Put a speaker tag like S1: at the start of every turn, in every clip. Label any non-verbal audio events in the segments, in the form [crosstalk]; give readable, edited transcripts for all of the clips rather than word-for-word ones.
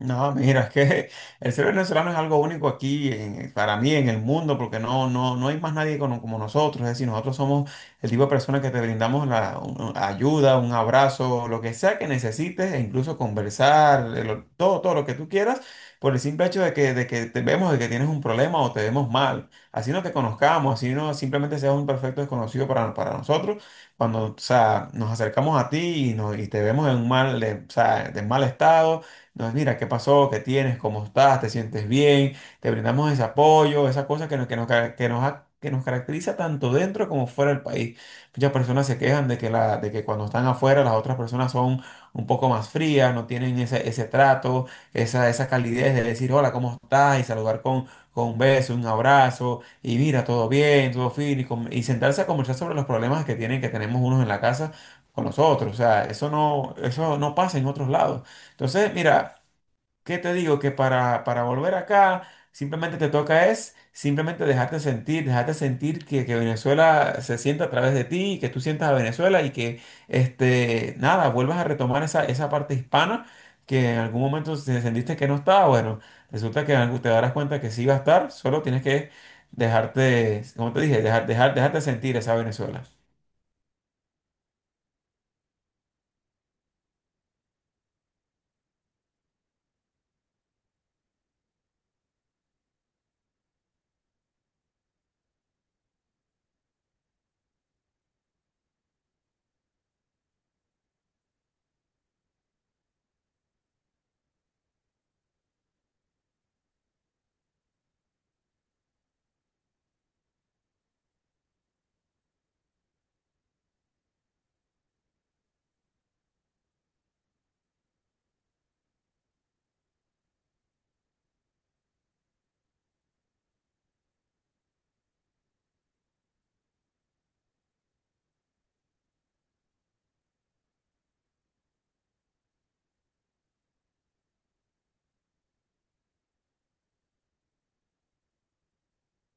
S1: No, mira, es que [laughs] el ser venezolano es algo único para mí en el mundo, porque no, no, no hay más nadie como nosotros. Es decir, nosotros somos el tipo de personas que te brindamos ayuda, un abrazo, lo que sea que necesites, e incluso conversar, todo lo que tú quieras, por el simple hecho de que te vemos, de que tienes un problema o te vemos mal. Así no te conozcamos, así no simplemente seas un perfecto desconocido para nosotros. Cuando, o sea, nos acercamos a ti y te vemos en un mal, o sea, de mal estado. Entonces, mira, ¿qué pasó? ¿Qué tienes? ¿Cómo estás? ¿Te sientes bien? Te brindamos ese apoyo, esa cosa que nos, ca- que nos ha- que nos caracteriza tanto dentro como fuera del país. Muchas personas se quejan de que cuando están afuera las otras personas son un poco más frías, no tienen ese trato, esa calidez de decir hola, ¿cómo estás? Y saludar con un beso, un abrazo, y mira, todo bien, todo fin, y sentarse a conversar sobre los problemas que tienen, que tenemos unos en la casa con nosotros. O sea, eso no pasa en otros lados. Entonces, mira. ¿Qué te digo? Que para volver acá simplemente te toca es simplemente dejarte sentir que Venezuela se sienta a través de ti, y que tú sientas a Venezuela y que, este, nada, vuelvas a retomar esa parte hispana que en algún momento sentiste que no estaba. Bueno, resulta que te darás cuenta que sí va a estar, solo tienes que dejarte, como te dije, dejarte sentir esa Venezuela.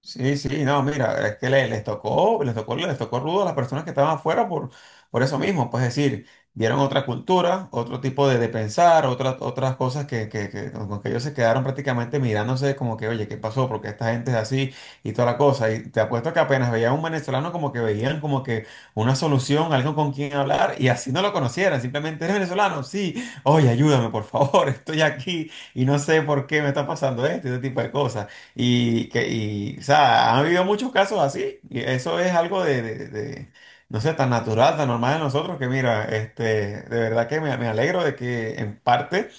S1: Sí, sí, no, mira, es que les tocó rudo a las personas que estaban afuera por eso mismo, pues es decir, vieron otra cultura, otro tipo de pensar, otras cosas que, con que ellos se quedaron prácticamente mirándose como que, oye, ¿qué pasó? Porque esta gente es así y toda la cosa. Y te apuesto que apenas veían a un venezolano como que veían como que una solución, algo con quien hablar y así no lo conocieran, simplemente eres venezolano, sí, oye, ayúdame, por favor, [laughs] estoy aquí y no sé por qué me está pasando esto y ese tipo de cosas. Y que, y, o sea, han habido muchos casos así, y eso es algo de no sé, tan natural, tan normal de nosotros, que mira, este, de verdad que me alegro de que en parte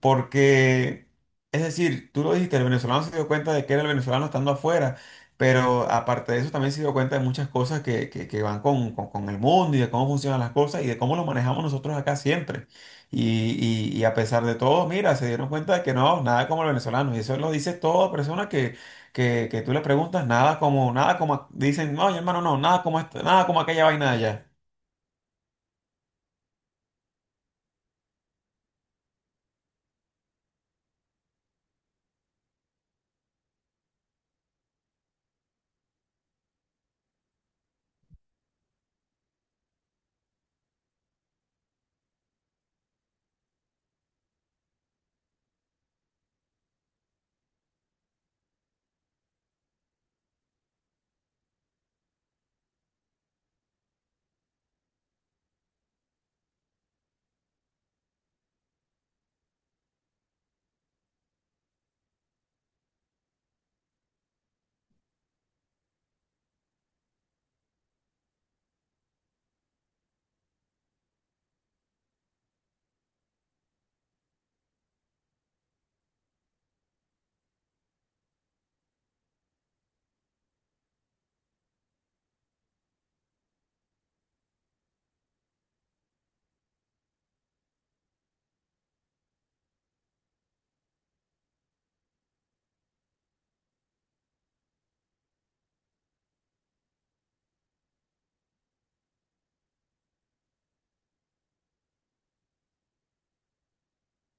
S1: porque, es decir, tú lo dijiste, el venezolano se dio cuenta de que era el venezolano estando afuera, pero aparte de eso también se dio cuenta de muchas cosas que van con el mundo y de cómo funcionan las cosas y de cómo lo manejamos nosotros acá siempre. Y a pesar de todo, mira, se dieron cuenta de que no, nada como el venezolano. Y eso lo dice toda persona que, que tú le preguntas, nada como, nada como, dicen, no, hermano, no, nada como, nada como aquella vaina de allá.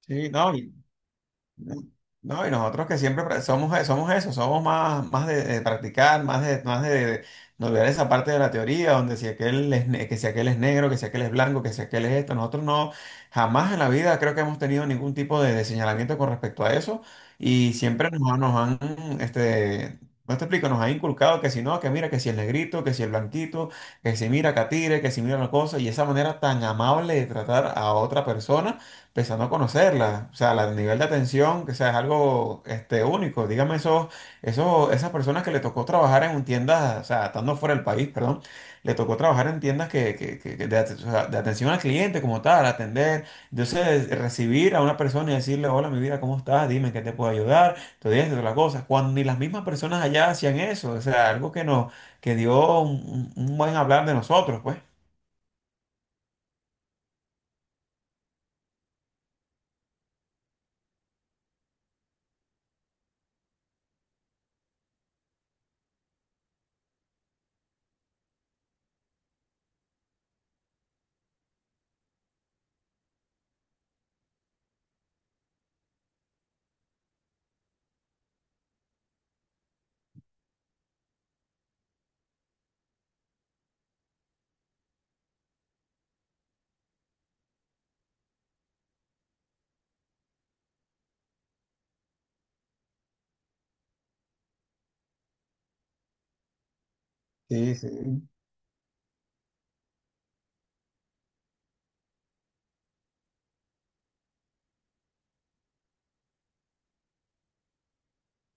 S1: Sí, no, no, y nosotros que siempre somos, somos eso, somos más, más de practicar, más de no olvidar esa parte de la teoría, donde si aquel es, que si aquel es negro, que si aquel es blanco, que si aquel es esto, nosotros no, jamás en la vida creo que hemos tenido ningún tipo de señalamiento con respecto a eso, y siempre nos han, este, no te explico, nos han inculcado que si no, que mira, que si el negrito, que si el blanquito, que si mira Catire, que si mira la cosa, y esa manera tan amable de tratar a otra persona empezando a conocerla, o sea, el nivel de atención, que sea, es algo este, único. Dígame esas personas que le tocó trabajar en un tiendas, o sea, estando fuera del país, perdón, le tocó trabajar en tiendas o sea, de atención al cliente como tal, atender, entonces recibir a una persona y decirle, hola, mi vida, ¿cómo estás? Dime ¿en qué te puedo ayudar, todo esto, todas las cosas, cuando ni las mismas personas allá hacían eso, o sea, algo que nos, que dio un buen hablar de nosotros, pues. Sí, sí.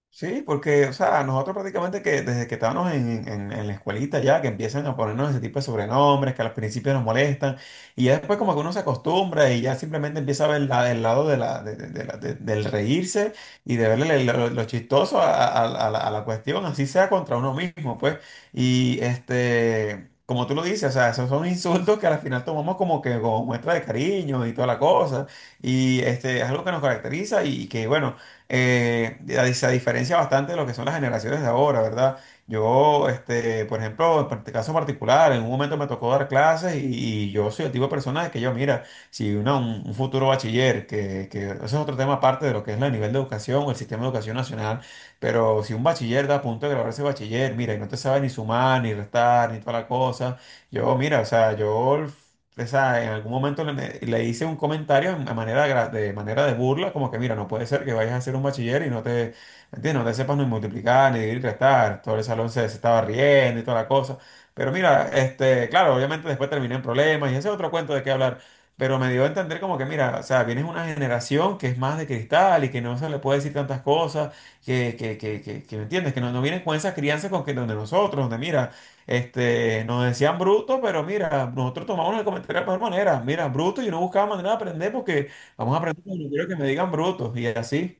S1: Sí, porque, o sea, nosotros prácticamente que desde que estábamos en la escuelita ya, que empiezan a ponernos ese tipo de sobrenombres que al principio nos molestan, y ya después como que uno se acostumbra y ya simplemente empieza a ver la- el lado de la, de la- de- del reírse y de verle lo chistoso a la cuestión, así sea contra uno mismo, pues. Y este, como tú lo dices, o sea, esos son [laughs] insultos que al final tomamos como que como muestra de cariño y toda la cosa, y este, es algo que nos caracteriza y que, bueno, se diferencia bastante de lo que son las generaciones de ahora, ¿verdad? Yo, este, por ejemplo, caso particular, en un momento me tocó dar clases y yo soy el tipo de persona de que yo, mira, si un futuro bachiller, que eso es otro tema aparte de lo que es el nivel de educación o el sistema de educación nacional, pero si un bachiller da a punto de graduarse de bachiller, mira, y no te sabe ni sumar, ni restar, ni toda la cosa, yo, mira, o sea, yo esa, en algún momento le hice un comentario de manera de, de manera de burla, como que mira, no puede ser que vayas a ser un bachiller y no te, ¿entiendes? No te sepas ni multiplicar, ni dividir, restar. Todo el salón se estaba riendo y toda la cosa. Pero mira, este, claro, obviamente después terminé en problemas y ese es otro cuento de qué hablar. Pero me dio a entender como que, mira, o sea, vienes de una generación que es más de cristal y que no se le puede decir tantas cosas, que ¿me entiendes? Que no, no vienes con esa crianza con que donde nosotros, donde mira. Este, nos decían bruto, pero mira, nosotros tomamos el comentario de la mejor manera. Mira, bruto, yo no buscaba manera de aprender porque vamos a aprender, pero no quiero que me digan brutos y así.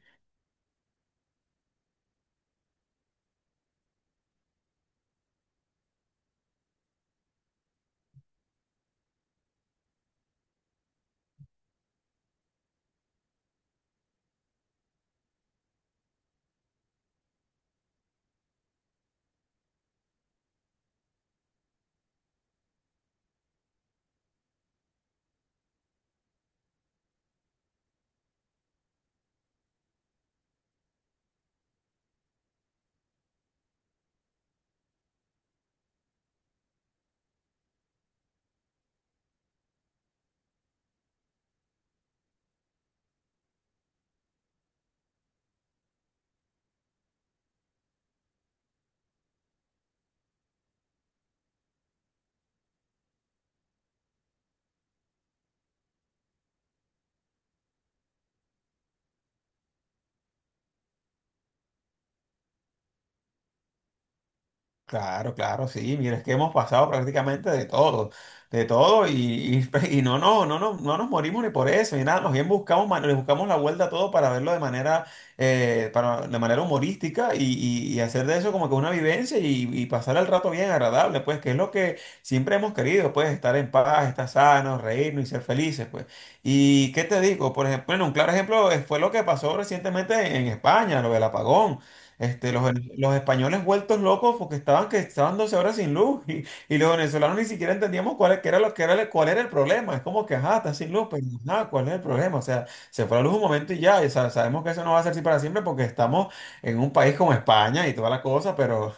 S1: Claro, claro, sí, mira, es que hemos pasado prácticamente de todo, y, [laughs] y no, no, no, no, no nos morimos ni por eso, ni nada, más bien buscamos, le buscamos la vuelta a todo para verlo de manera, para, de manera humorística y hacer de eso como que una vivencia y pasar el rato bien agradable, pues, que es lo que siempre hemos querido, pues, estar en paz, estar sanos, reírnos y ser felices, pues. ¿Y qué te digo? Por ejemplo, bueno, un claro ejemplo fue lo que pasó recientemente en España, lo del apagón. Este, los, españoles vueltos locos porque estaban 12 horas sin luz y los venezolanos ni siquiera entendíamos cuál, qué era lo, que era, el- cuál era el problema. Es como que, ajá, está sin luz, pero nada ¿cuál es el problema? O sea, se fue la luz un momento y ya, sabemos que eso no va a ser así para siempre porque estamos en un país como España y toda la cosa, pero, [laughs] o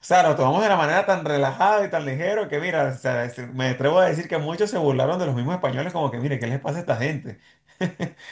S1: sea, lo tomamos de la manera tan relajada y tan ligero que, mira, o sea, me atrevo a decir que muchos se burlaron de los mismos españoles como que, mire, ¿qué les pasa a esta gente? [laughs]